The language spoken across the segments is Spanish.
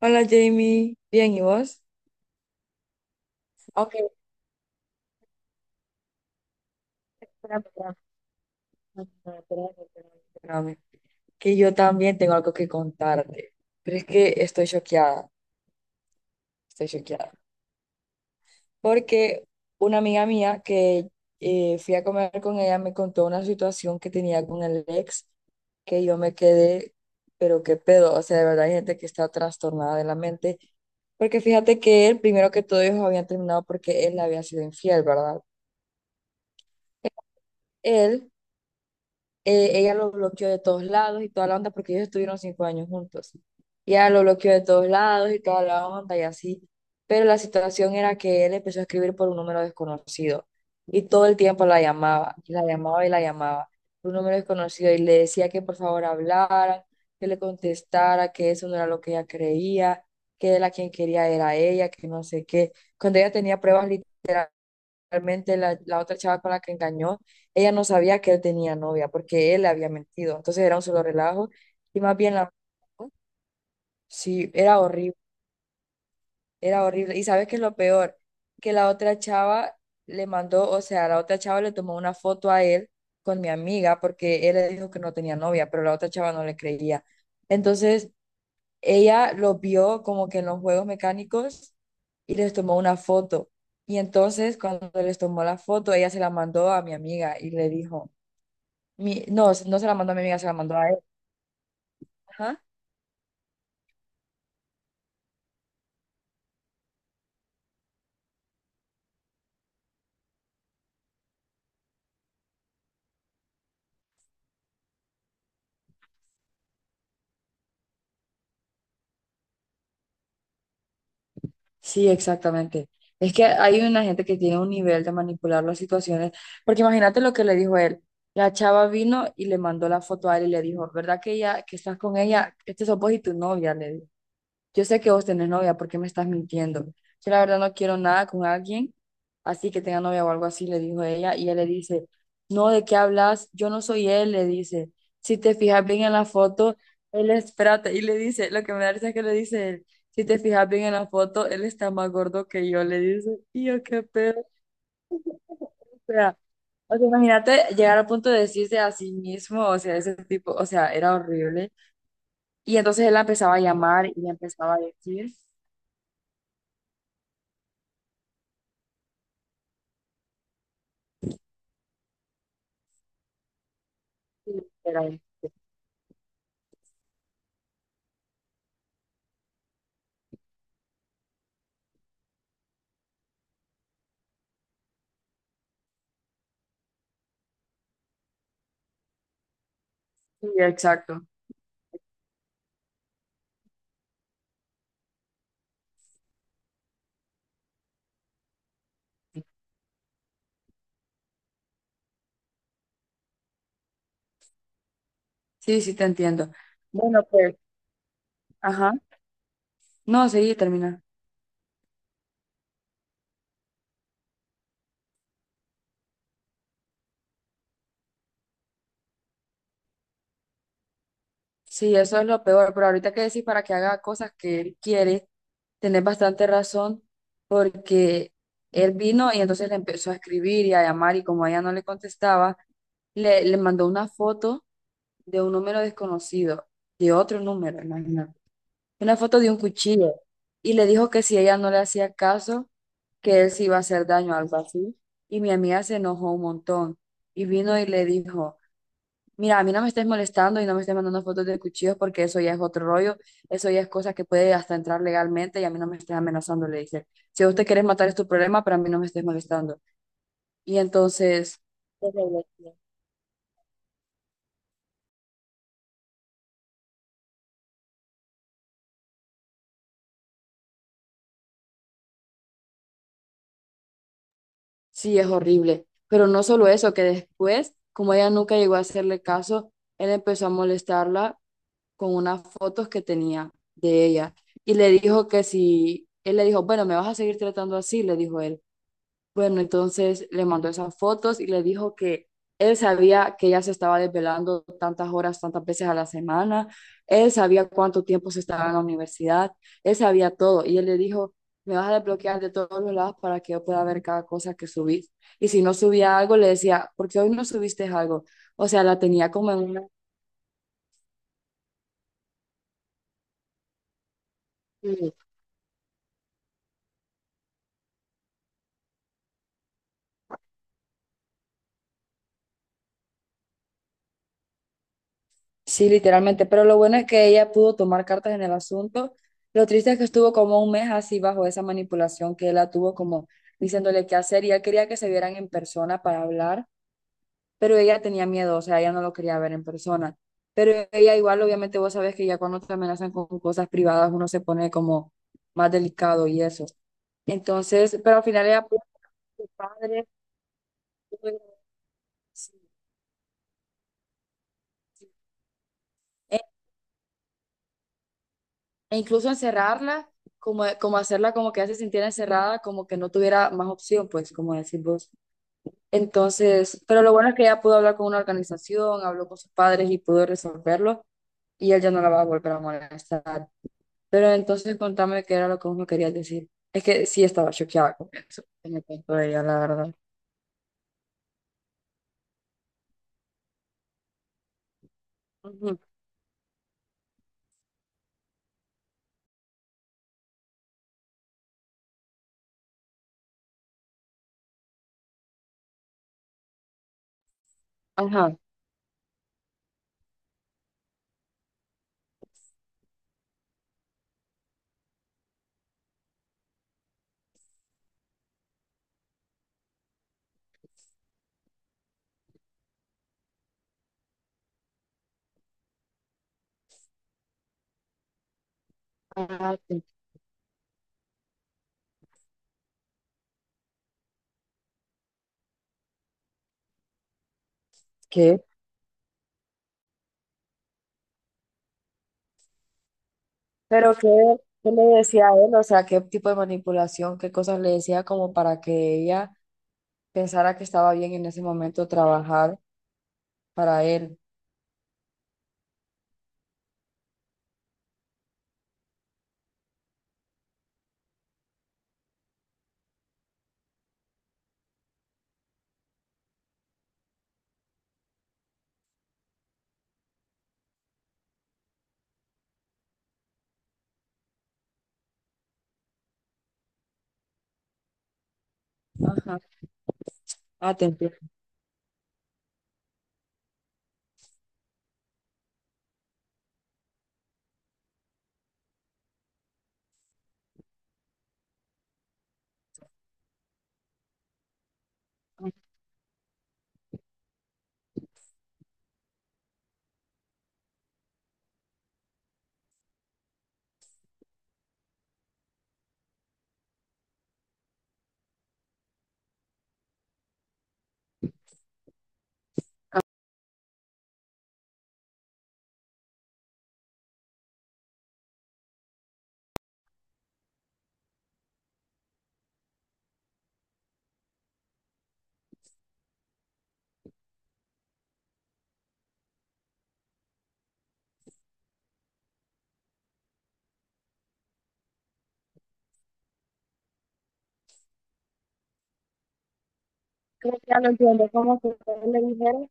Hola Jamie, bien, ¿y vos? Ok, espérame, espérame, espérame, espérame, espérame, espérame, que yo también tengo algo que contarte, pero es que estoy choqueada, porque una amiga mía que fui a comer con ella me contó una situación que tenía con el ex, que yo me quedé, pero qué pedo, o sea, de verdad hay gente que está trastornada de la mente, porque fíjate que él, primero que todo, ellos habían terminado porque él le había sido infiel, ¿verdad? Él Ella lo bloqueó de todos lados y toda la onda porque ellos estuvieron 5 años juntos. Y ella lo bloqueó de todos lados y toda la onda y así. Pero la situación era que él empezó a escribir por un número desconocido y todo el tiempo la llamaba, y la llamaba y la llamaba, por un número desconocido y le decía que por favor hablara, que le contestara, que eso no era lo que ella creía, que él a quien quería era ella, que no sé qué. Cuando ella tenía pruebas realmente la otra chava con la que engañó, ella no sabía que él tenía novia porque él le había mentido. Entonces era un solo relajo y más bien la... Sí, era horrible, era horrible. ¿Y sabes qué es lo peor? Que la otra chava le mandó, o sea, la otra chava le tomó una foto a él con mi amiga porque él le dijo que no tenía novia, pero la otra chava no le creía. Entonces ella los vio como que en los juegos mecánicos y les tomó una foto. Y entonces cuando les tomó la foto, ella se la mandó a mi amiga y le dijo, no, no se la mandó a mi amiga, se la mandó a él. Ajá. Sí, exactamente. Es que hay una gente que tiene un nivel de manipular las situaciones, porque imagínate lo que le dijo él. La chava vino y le mandó la foto a él y le dijo, ¿verdad que ella, que estás con ella? Este sos vos y tu novia, le dijo. Yo sé que vos tenés novia, ¿por qué me estás mintiendo? Yo la verdad no quiero nada con alguien, así que tenga novia o algo así, le dijo ella, y él le dice, no, ¿de qué hablas? Yo no soy él, le dice, si te fijas bien en la foto, él es, espérate, y le dice, lo que me da risa es que le dice él, si te fijas bien en la foto, él está más gordo que yo, le dice, y yo qué pedo, o sea, o sea, imagínate llegar al punto de decirse a sí mismo, o sea, ese tipo, o sea, era horrible, y entonces él la empezaba a llamar y le empezaba a decir, y era Sí, exacto. Sí, sí, te entiendo. Bueno, pues, ajá. No, sí, termina. Sí, eso es lo peor, pero ahorita que decís para que haga cosas que él quiere, tenés bastante razón porque él vino y entonces le empezó a escribir y a llamar y como ella no le contestaba, le mandó una foto de un número desconocido, de otro número, imagínate. Una foto de un cuchillo y le dijo que si ella no le hacía caso, que él se iba a hacer daño, algo así. Y mi amiga se enojó un montón y vino y le dijo, mira, a mí no me estés molestando y no me estés mandando fotos de cuchillos porque eso ya es otro rollo, eso ya es cosa que puede hasta entrar legalmente y a mí no me estés amenazando, le dice. Si usted quiere matar es tu problema, pero a mí no me estés molestando. Y entonces... Horrible, tío. Sí, es horrible. Pero no solo eso, que después, como ella nunca llegó a hacerle caso, él empezó a molestarla con unas fotos que tenía de ella y le dijo que si, él le dijo, bueno, me vas a seguir tratando así, le dijo él. Bueno, entonces le mandó esas fotos y le dijo que él sabía que ella se estaba desvelando tantas horas, tantas veces a la semana, él sabía cuánto tiempo se estaba en la universidad, él sabía todo y él le dijo, me vas a desbloquear de todos los lados para que yo pueda ver cada cosa que subís. Y si no subía algo, le decía, ¿por qué hoy no subiste algo? O sea, la tenía como en una. Sí, literalmente, pero lo bueno es que ella pudo tomar cartas en el asunto. Lo triste es que estuvo como un mes así bajo esa manipulación que él la tuvo como diciéndole qué hacer y él quería que se vieran en persona para hablar, pero ella tenía miedo, o sea, ella no lo quería ver en persona. Pero ella igual, obviamente vos sabes que ya cuando te amenazan con cosas privadas uno se pone como más delicado y eso. Entonces, pero al final ella pudo con su padre. E incluso encerrarla, como, como hacerla como que ya se sintiera encerrada, como que no tuviera más opción, pues, como decís vos. Entonces, pero lo bueno es que ella pudo hablar con una organización, habló con sus padres y pudo resolverlo, y él ya no la va a volver a molestar. Pero entonces contame qué era lo que vos me querías decir. Es que sí estaba choqueada con eso, en el cuento de ella, la verdad. Ujú. Ajá. Ah, sí. ¿Qué? Pero qué, qué le decía a él, o sea, qué tipo de manipulación, qué cosas le decía como para que ella pensara que estaba bien en ese momento trabajar para él. Ajá. Ah, te entiendo. Creo que ya lo entiendo, como que ustedes le dijeron.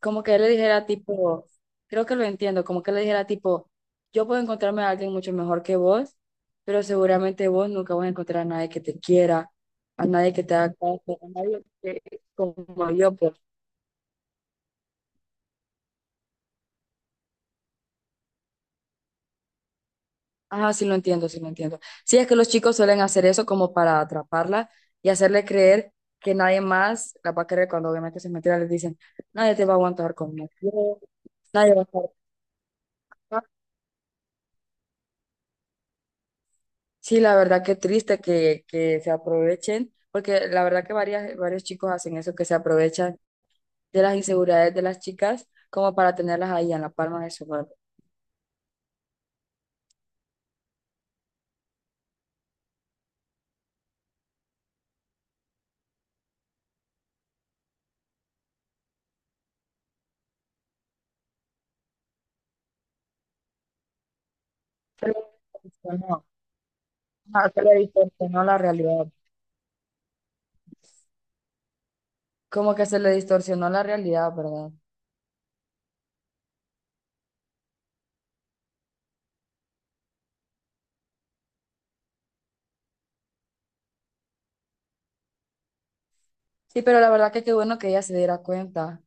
Como que él le dijera tipo, creo que lo entiendo, como que le dijera tipo, yo puedo encontrarme a alguien mucho mejor que vos, pero seguramente vos nunca vas a encontrar a nadie que te quiera, a nadie que te haga caso, a nadie que como yo, pues. Ajá, sí lo entiendo, sí lo entiendo. Sí, es que los chicos suelen hacer eso como para atraparla y hacerle creer que nadie más la va a querer cuando obviamente se mentira, les dicen, nadie te va a aguantar conmigo, nadie va a estar acá. Sí, la verdad que triste que se aprovechen, porque la verdad que varias, varios chicos hacen eso, que se aprovechan de las inseguridades de las chicas como para tenerlas ahí en la palma de su mano. Pero no, ah, se le distorsionó la realidad. Como que se le distorsionó la realidad, ¿verdad? Sí, pero la verdad que qué bueno que ella se diera cuenta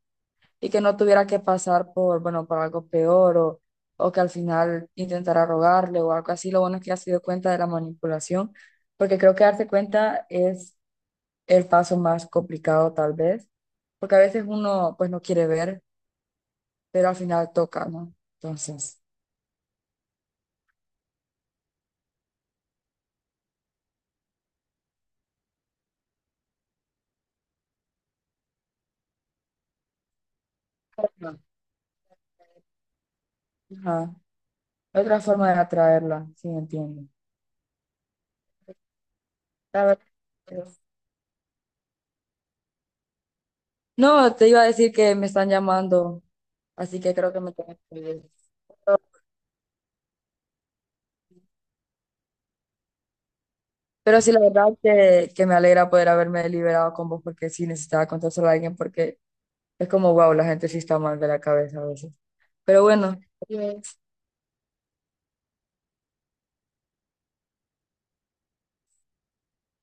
y que no tuviera que pasar por, bueno, por algo peor o que al final intentara rogarle o algo así. Lo bueno es que ella se dio cuenta de la manipulación, porque creo que darse cuenta es el paso más complicado tal vez, porque a veces uno pues no quiere ver, pero al final toca, ¿no? Entonces, ajá. Ajá, otra forma de atraerla, sí, entiendo. La verdad que... No, te iba a decir que me están llamando, así que creo que me tengo que ir. Pero sí, la verdad que me alegra poder haberme liberado con vos porque sí necesitaba contárselo a alguien porque es como, wow, la gente sí está mal de la cabeza a veces. Pero bueno,